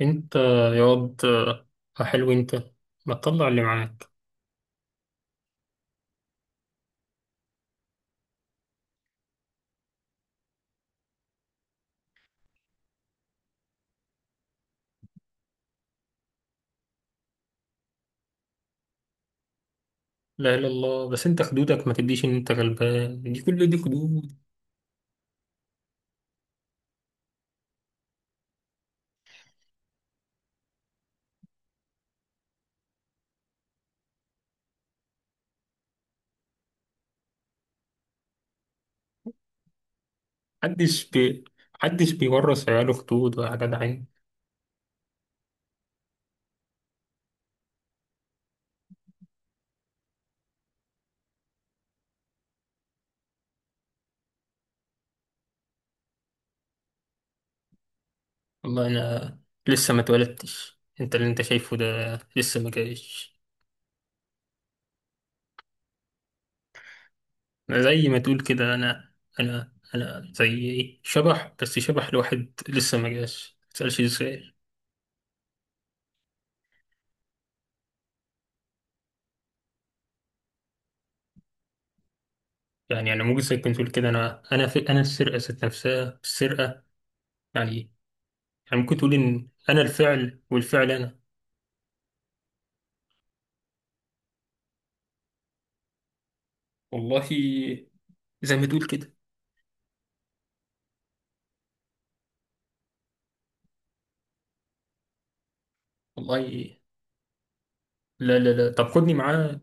انت يا واد، حلو انت. ما تطلع اللي معاك؟ لا اله الا الله، بس انت خدودك ما تديش ان انت غلبان. دي كل دي خدود. محدش بي محدش بيورث عياله خدود ولا حاجة، عين. والله انا لسه ما اتولدتش. انت اللي انت شايفه ده لسه ما جايش. أنا زي ما تقول كده، انا زي ايه، شبح. بس شبح لواحد لسه ما جاش، ما تسألش ازاي. يعني انا ممكن، زي كنت تقول كده، انا في انا السرقة ذات نفسها، السرقة يعني يعني ممكن تقول إن أنا الفعل والفعل أنا. والله زي ما تقول كده. والله، لا لا لا، طب خدني معاه.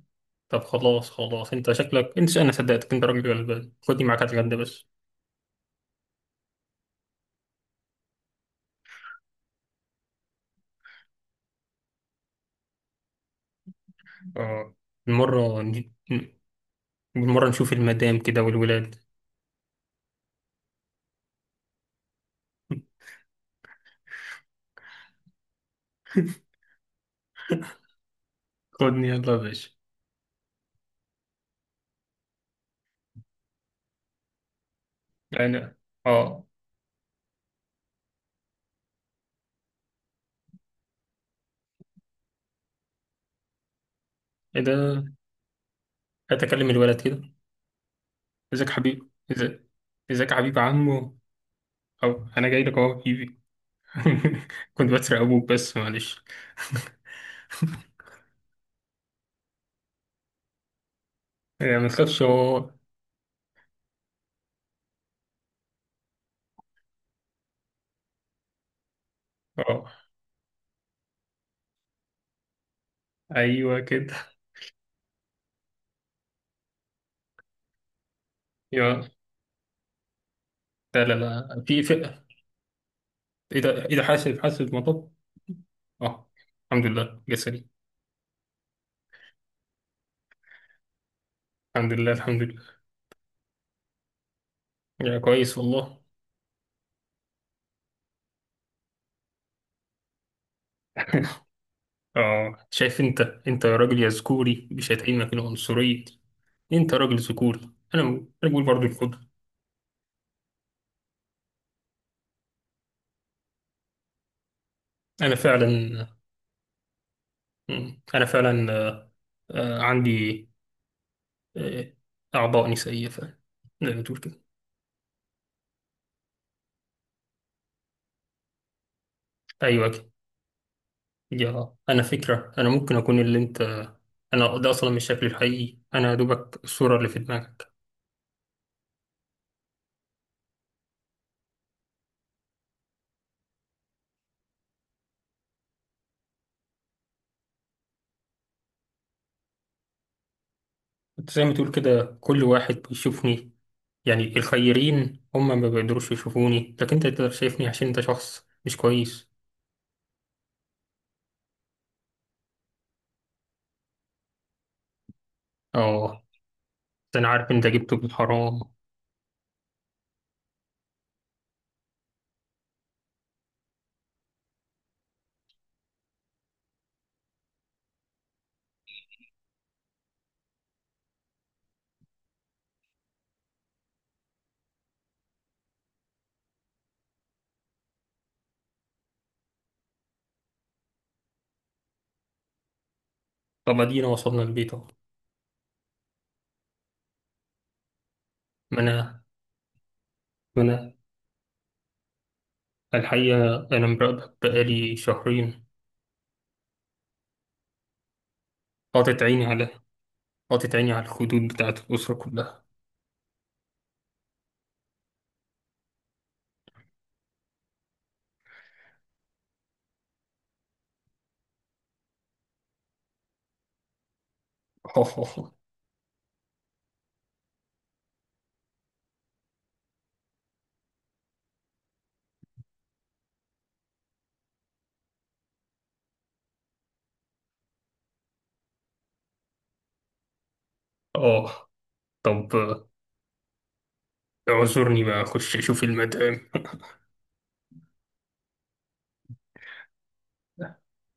طب خلاص خلاص، أنت شكلك، أنت، أنا صدقتك، أنت راجل غلبان. خدني معاك هتغدى بس. آه. المرة نجي- المرة نشوف المدام كده والولاد. خدني يلا يا باشا. يعني. آه. إيه ده؟ أتكلم الولد كده. إزيك يا حبيبي؟ إزيك؟ ازيك يا حبيب عمو؟ او انا جاي لك اهو يا حبيبي. كنت بسرق ابوك بس معلش. يعني ما تخافش هو. اه، ايوه كده. يا لا لا لا، في. ايه ده؟ ايه ده؟ حاسب حاسب، مطب. اه، الحمد لله جسري. الحمد لله، الحمد لله. يا كويس والله. اه، شايف انت يا راجل، يا ذكوري، مش هتعينك العنصرية دي. انت راجل ذكوري. انا انا بقول برضو الكود. انا فعلا. انا فعلا آه، عندي، آه، اعضاء نسائية فعلا، زي ما تقول كده. ايوه. يا انا فكره، انا ممكن اكون اللي انت. انا ده اصلا مش شكلي الحقيقي، انا يا دوبك الصوره اللي في دماغك. انت زي ما تقول كده كل واحد بيشوفني. يعني الخيرين هم ما بيقدروش يشوفوني، لكن انت تقدر شايفني عشان انت شخص مش كويس. اه، ده انا عارف انت جبته بالحرام. طب ادينا وصلنا البيت اهو. ما انا ما انا الحقيقه انا مراقبك بقالي شهرين. حاطط عيني على حاطط عيني على الخدود بتاعت الاسره كلها. اه، طب اعذرني بقى اخش اشوف المدام.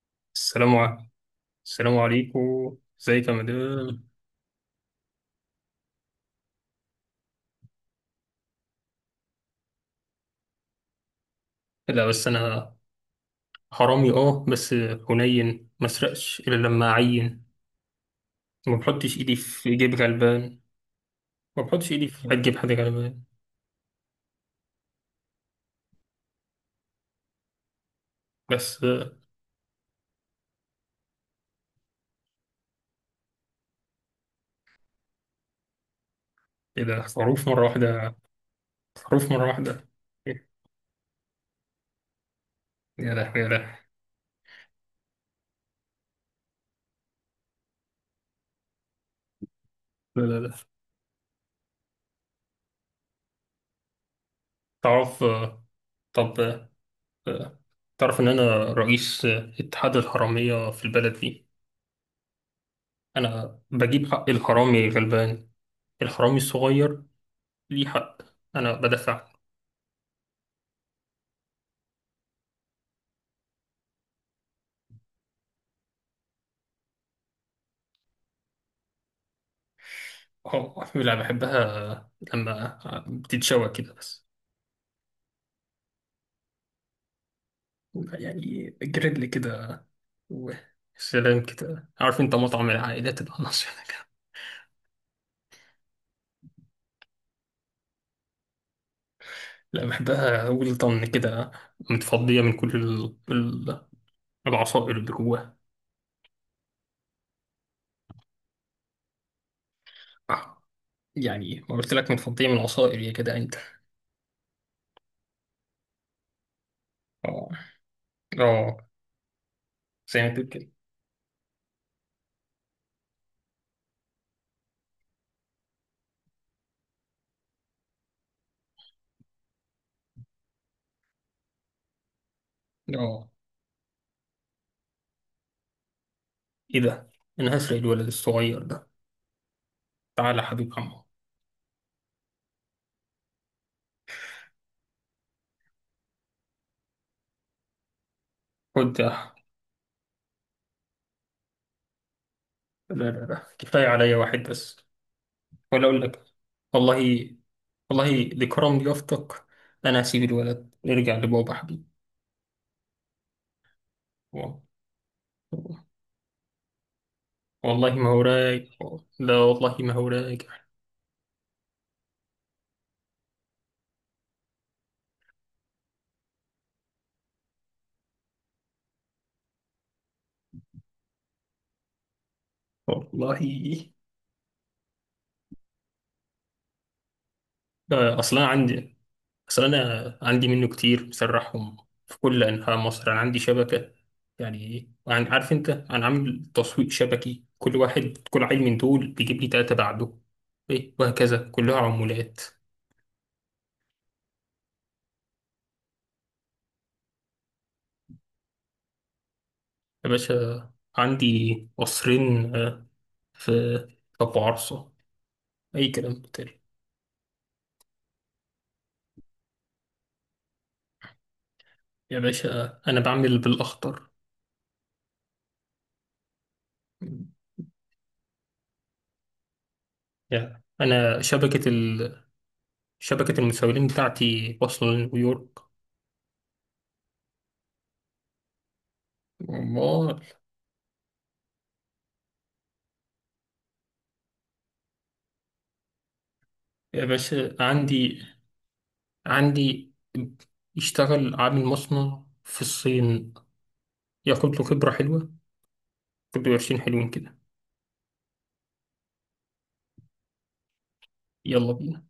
السلام عليكم. السلام عليكم، ازيك يا مدام؟ لا بس انا حرامي اه بس هنين، ما اسرقش الا لما اعين. ما بحطش ايدي في جيب غلبان. ما بحطش ايدي في جيب حد غلبان. بس. ايه ده؟ خروف مره واحده؟ خروف مره واحده؟ إيه؟ يا ده يا ده. لا لا لا. تعرف آه، طب، آه، تعرف ان انا رئيس، اتحاد الحراميه في البلد دي. انا بجيب حق الحرامي غلبان، الحرامي الصغير ليه حق. انا بدافع. اه، لا بحبها لما بتتشوى كده بس. يعني جريل كده، و سلام كده. عارف انت مطعم العائلات العناصر ده كده. لا بحبها ولطن كده، متفضية من كل العصائر اللي جواها. آه. يعني ما قلت لك متفضية من العصائر يا كده انت. اه اه، زي ما تقول كده. اه. ايه ده؟ انا هسرق الولد الصغير ده. تعالى يا حبيب عمو. خد. لا لا لا، كفاية عليا واحد بس. ولا أقول لك، والله، والله لكرم ضيافتك، أنا هسيب الولد، نرجع لبابا حبيبي. و- و- والله ما هو رايق. لا والله ما هو رايق. والله. لا، أصل أنا عندي، أصل أنا عندي منه كتير، بسرحهم في كل أنحاء مصر. أنا عندي شبكة. يعني إيه، عارف أنت، أنا عامل تسويق شبكي، كل واحد، كل عيل من دول بيجيب لي تلاتة بعده، إيه، وهكذا كلها عمولات. يا باشا، عندي قصرين، في في أبو عرصة، أي كلام تاني. يا باشا، أنا بعمل بالأخطر. يا أنا شبكة ال... شبكة المسؤولين بتاعتي واصلة لنيويورك. أمال. يا باشا عندي يشتغل عامل مصنع في الصين، ياخد له خبرة حلوة، كل و20 حلوين كده. يلا بينا.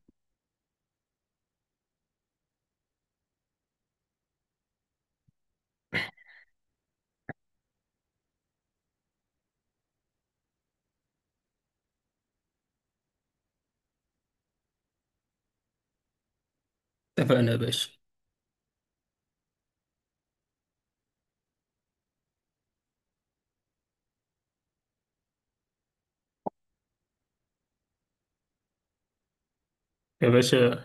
اتفقنا يا باشا. يا باشا،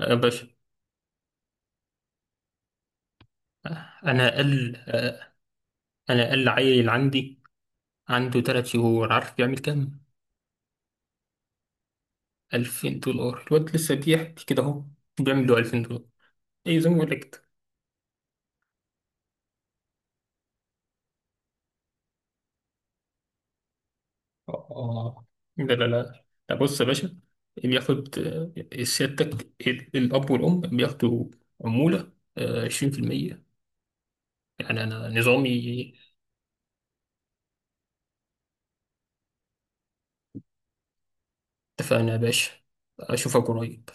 يا باشا، أنا أقل أنا أقل عيل عندي عنده 3 شهور، عارف بيعمل كام؟ $2,000. الواد لسه بيحكي كده أهو بيعمل له $2,000. إيه، زي ما بقول لك كده. اه، لا لا لا لا، بص يا باشا، بياخد، سيادتك الأب والأم بياخدوا عمولة، 20%، يعني أنا نظامي. اتفقنا يا باشا، أشوفك قريب.